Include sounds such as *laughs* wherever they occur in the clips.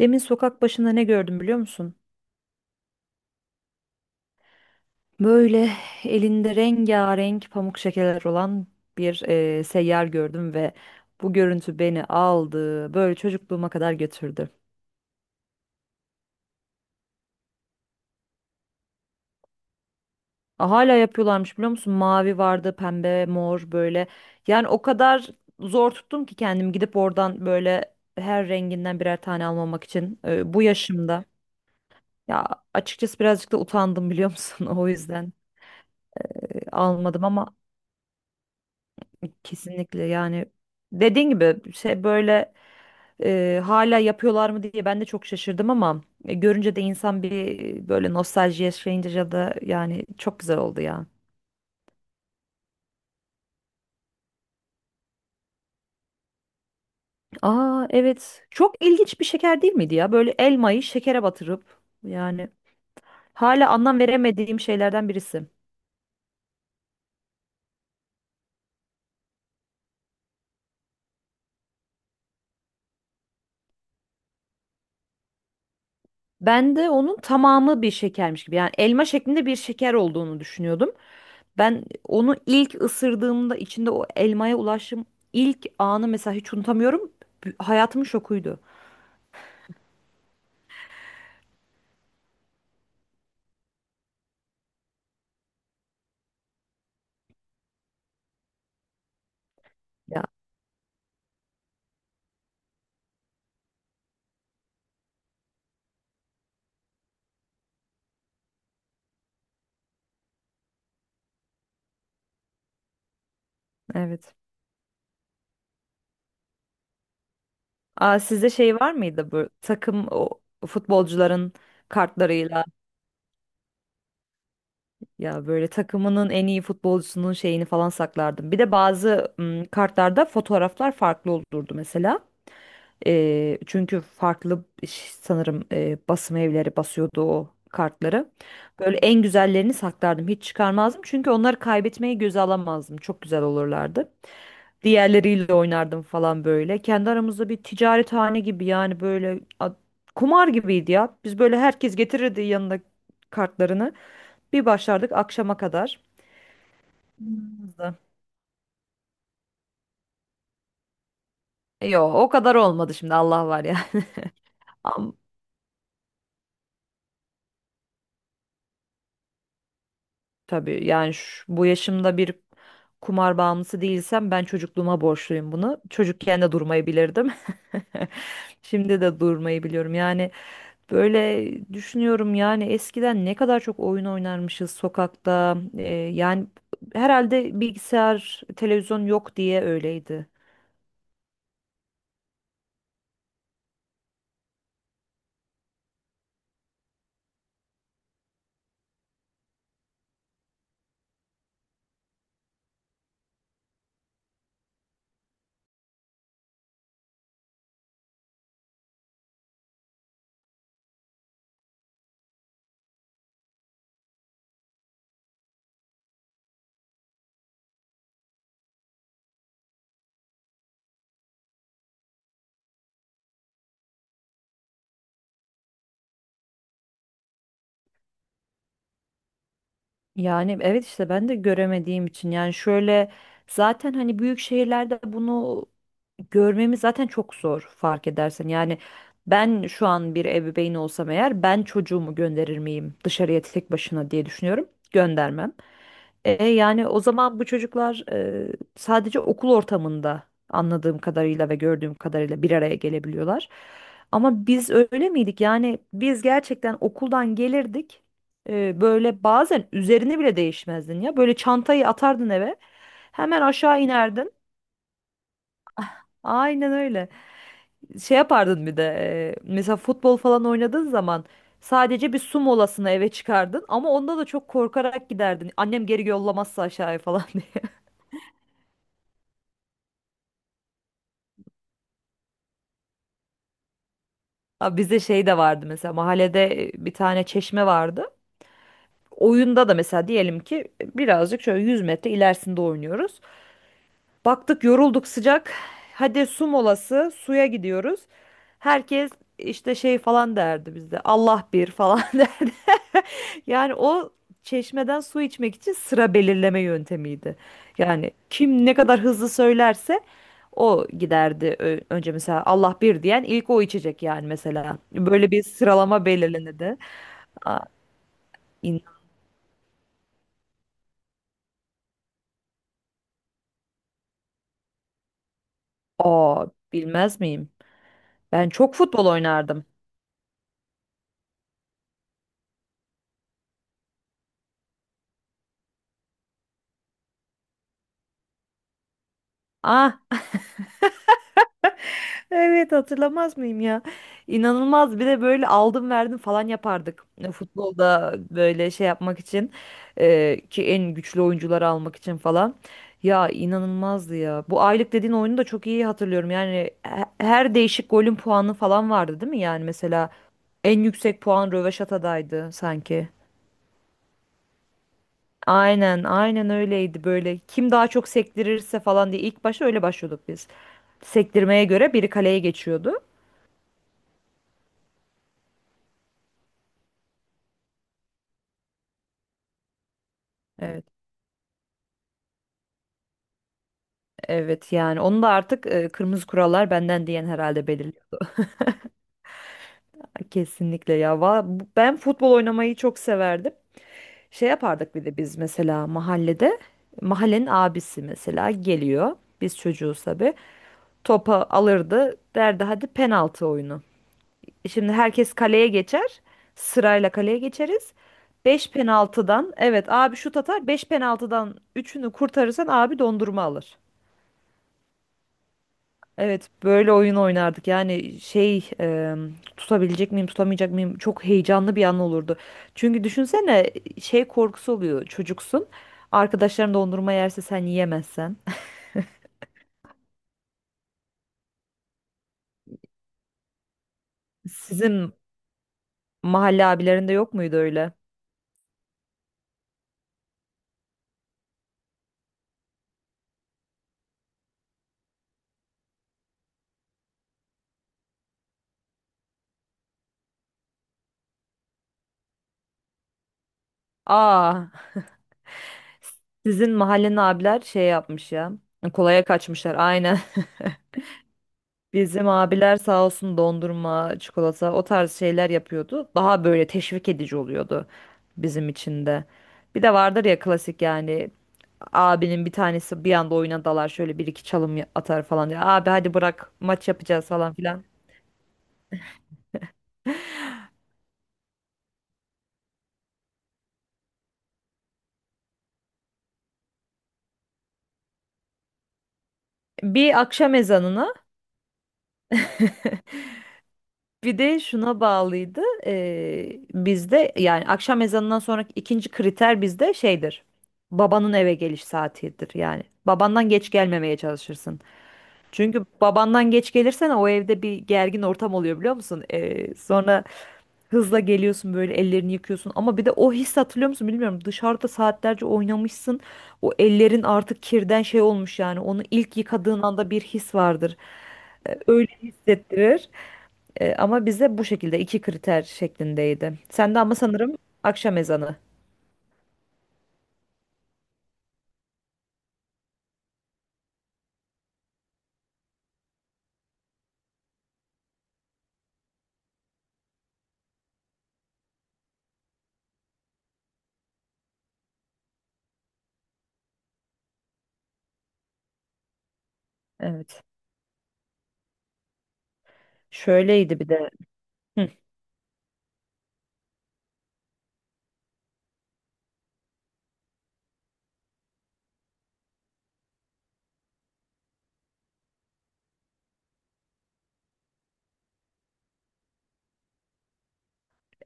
Demin sokak başında ne gördüm biliyor musun? Böyle elinde rengarenk pamuk şekerler olan bir seyyar gördüm ve bu görüntü beni aldı. Böyle çocukluğuma kadar götürdü. Aa, hala yapıyorlarmış biliyor musun? Mavi vardı, pembe, mor böyle. Yani o kadar zor tuttum ki kendim gidip oradan böyle her renginden birer tane almamak için bu yaşımda. Ya, açıkçası birazcık da utandım biliyor musun? *laughs* O yüzden almadım ama... Kesinlikle yani dediğin gibi şey böyle hala yapıyorlar mı diye ben de çok şaşırdım, ama görünce de insan bir böyle nostalji yaşayınca ya da yani çok güzel oldu ya. Aa, evet, çok ilginç bir şeker değil miydi ya, böyle elmayı şekere batırıp, yani hala anlam veremediğim şeylerden birisi. Ben de onun tamamı bir şekermiş gibi, yani elma şeklinde bir şeker olduğunu düşünüyordum. Ben onu ilk ısırdığımda içinde o elmaya ulaştığım ilk anı mesela hiç unutamıyorum. Hayatımın şokuydu. Ya, evet. Aa, sizde şey var mıydı, bu takım, o futbolcuların kartlarıyla? Ya, böyle takımının en iyi futbolcusunun şeyini falan saklardım. Bir de bazı kartlarda fotoğraflar farklı olurdu mesela. Çünkü farklı sanırım basım evleri basıyordu o kartları. Böyle en güzellerini saklardım. Hiç çıkarmazdım. Çünkü onları kaybetmeyi göze alamazdım. Çok güzel olurlardı. Diğerleriyle oynardım falan böyle. Kendi aramızda bir ticarethane gibi, yani böyle kumar gibiydi ya. Biz böyle, herkes getirirdi yanında kartlarını. Bir başlardık akşama kadar. Yo, o kadar olmadı şimdi, Allah var ya. *laughs* Tabii, yani bu yaşımda bir kumar bağımlısı değilsem ben çocukluğuma borçluyum bunu. Çocukken de durmayı bilirdim. *laughs* Şimdi de durmayı biliyorum. Yani böyle düşünüyorum, yani eskiden ne kadar çok oyun oynarmışız sokakta. Yani herhalde bilgisayar, televizyon yok diye öyleydi. Yani evet, işte ben de göremediğim için, yani şöyle, zaten hani büyük şehirlerde bunu görmemiz zaten çok zor fark edersen. Yani ben şu an bir ebeveyn olsam eğer, ben çocuğumu gönderir miyim dışarıya tek başına diye düşünüyorum. Göndermem. Yani o zaman bu çocuklar sadece okul ortamında, anladığım kadarıyla ve gördüğüm kadarıyla, bir araya gelebiliyorlar. Ama biz öyle miydik? Yani biz gerçekten okuldan gelirdik, böyle bazen üzerine bile değişmezdin ya. Böyle çantayı atardın eve. Hemen aşağı inerdin. Aynen öyle. Şey yapardın bir de, mesela futbol falan oynadığın zaman sadece bir su molasına eve çıkardın, ama onda da çok korkarak giderdin. Annem geri yollamazsa aşağıya falan *laughs* diye. Abi, bizde şey de vardı mesela, mahallede bir tane çeşme vardı. Oyunda da mesela diyelim ki birazcık şöyle 100 metre ilerisinde oynuyoruz. Baktık yorulduk, sıcak. Hadi su molası, suya gidiyoruz. Herkes işte şey falan derdi bizde. Allah bir falan *laughs* derdi. Yani o çeşmeden su içmek için sıra belirleme yöntemiydi. Yani kim ne kadar hızlı söylerse o giderdi. Önce mesela Allah bir diyen ilk o içecek yani, mesela. Böyle bir sıralama belirlenirdi. Aa, in- Aa, bilmez miyim? Ben çok futbol oynardım. Ah, evet, hatırlamaz mıyım ya? İnanılmaz, bir de böyle aldım verdim falan yapardık. Futbolda böyle şey yapmak için, ki en güçlü oyuncuları almak için falan. Ya inanılmazdı ya. Bu aylık dediğin oyunu da çok iyi hatırlıyorum. Yani her değişik golün puanı falan vardı değil mi? Yani mesela en yüksek puan röveşatadaydı sanki. Aynen, aynen öyleydi böyle. Kim daha çok sektirirse falan diye ilk başta öyle başlıyorduk biz. Sektirmeye göre biri kaleye geçiyordu. Evet. Evet, yani onu da artık kırmızı kurallar benden diyen herhalde belirliyor. Ay, kesinlikle ya. Ben futbol oynamayı çok severdim. Şey yapardık bir de biz, mesela mahallede, mahallenin abisi mesela geliyor. Biz çocuğuz tabii. Topa alırdı, derdi hadi penaltı oyunu. Şimdi herkes kaleye geçer. Sırayla kaleye geçeriz. 5 penaltıdan, evet abi şut atar, 5 penaltıdan üçünü kurtarırsan abi dondurma alır. Evet, böyle oyun oynardık. Yani şey, tutabilecek miyim, tutamayacak mıyım? Çok heyecanlı bir an olurdu. Çünkü düşünsene, şey korkusu oluyor. Çocuksun. Arkadaşların dondurma yerse sen yiyemezsen. Sizin mahalle abilerinde yok muydu öyle? Aa. *laughs* Sizin mahallenin abiler şey yapmış ya. Kolaya kaçmışlar aynen. *laughs* Bizim abiler sağ olsun, dondurma, çikolata, o tarz şeyler yapıyordu. Daha böyle teşvik edici oluyordu bizim için de. Bir de vardır ya, klasik yani, abinin bir tanesi bir anda oyuna dalar, şöyle bir iki çalım atar falan diye. Abi, hadi bırak, maç yapacağız falan filan. Bir akşam ezanına. *laughs* Bir de şuna bağlıydı. Bizde yani akşam ezanından sonraki ikinci kriter bizde şeydir. Babanın eve geliş saatidir yani. Babandan geç gelmemeye çalışırsın. Çünkü babandan geç gelirsen o evde bir gergin ortam oluyor biliyor musun? Sonra hızla geliyorsun, böyle ellerini yıkıyorsun. Ama bir de o his, hatırlıyor musun bilmiyorum. Dışarıda saatlerce oynamışsın. O ellerin artık kirden şey olmuş yani. Onu ilk yıkadığın anda bir his vardır, öyle hissettirir. Ama bize bu şekilde iki kriter şeklindeydi. Sen de ama sanırım, akşam ezanı. Evet. Şöyleydi bir de. Hı,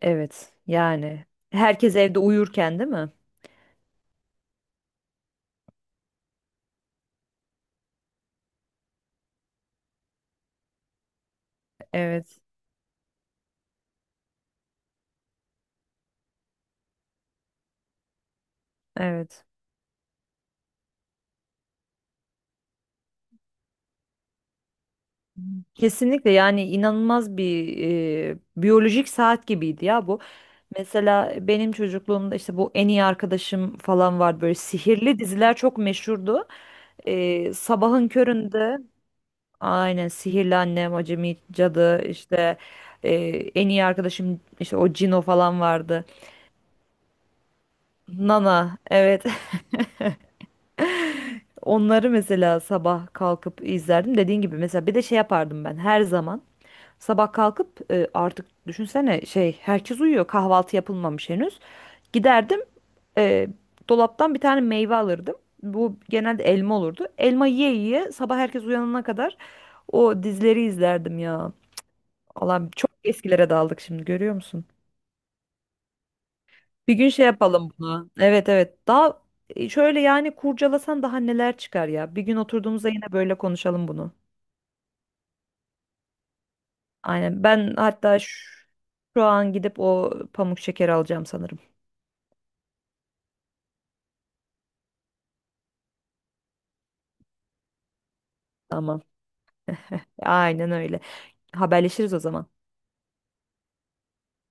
evet. Yani herkes evde uyurken değil mi? Evet. Evet. Kesinlikle, yani inanılmaz bir, biyolojik saat gibiydi ya bu. Mesela benim çocukluğumda işte bu, en iyi arkadaşım falan var, böyle sihirli diziler çok meşhurdu. Sabahın köründe, aynen, sihirli annem, acemi cadı işte, e, en iyi arkadaşım, işte o Cino falan vardı. Nana, evet. *laughs* Onları mesela sabah kalkıp izlerdim, dediğin gibi, mesela bir de şey yapardım ben her zaman, sabah kalkıp artık düşünsene, şey, herkes uyuyor, kahvaltı yapılmamış henüz, giderdim e, dolaptan bir tane meyve alırdım, bu genelde elma olurdu, elma yiye yiye, sabah herkes uyanana kadar o dizileri izlerdim ya. Allah'ım, çok eskilere daldık şimdi, görüyor musun? Bir gün şey yapalım bunu. Evet, evet. Daha şöyle yani, kurcalasan daha neler çıkar ya. Bir gün oturduğumuzda yine böyle konuşalım bunu. Aynen. Ben hatta şu an gidip o pamuk şeker alacağım sanırım. Tamam. Aynen öyle. Haberleşiriz o zaman.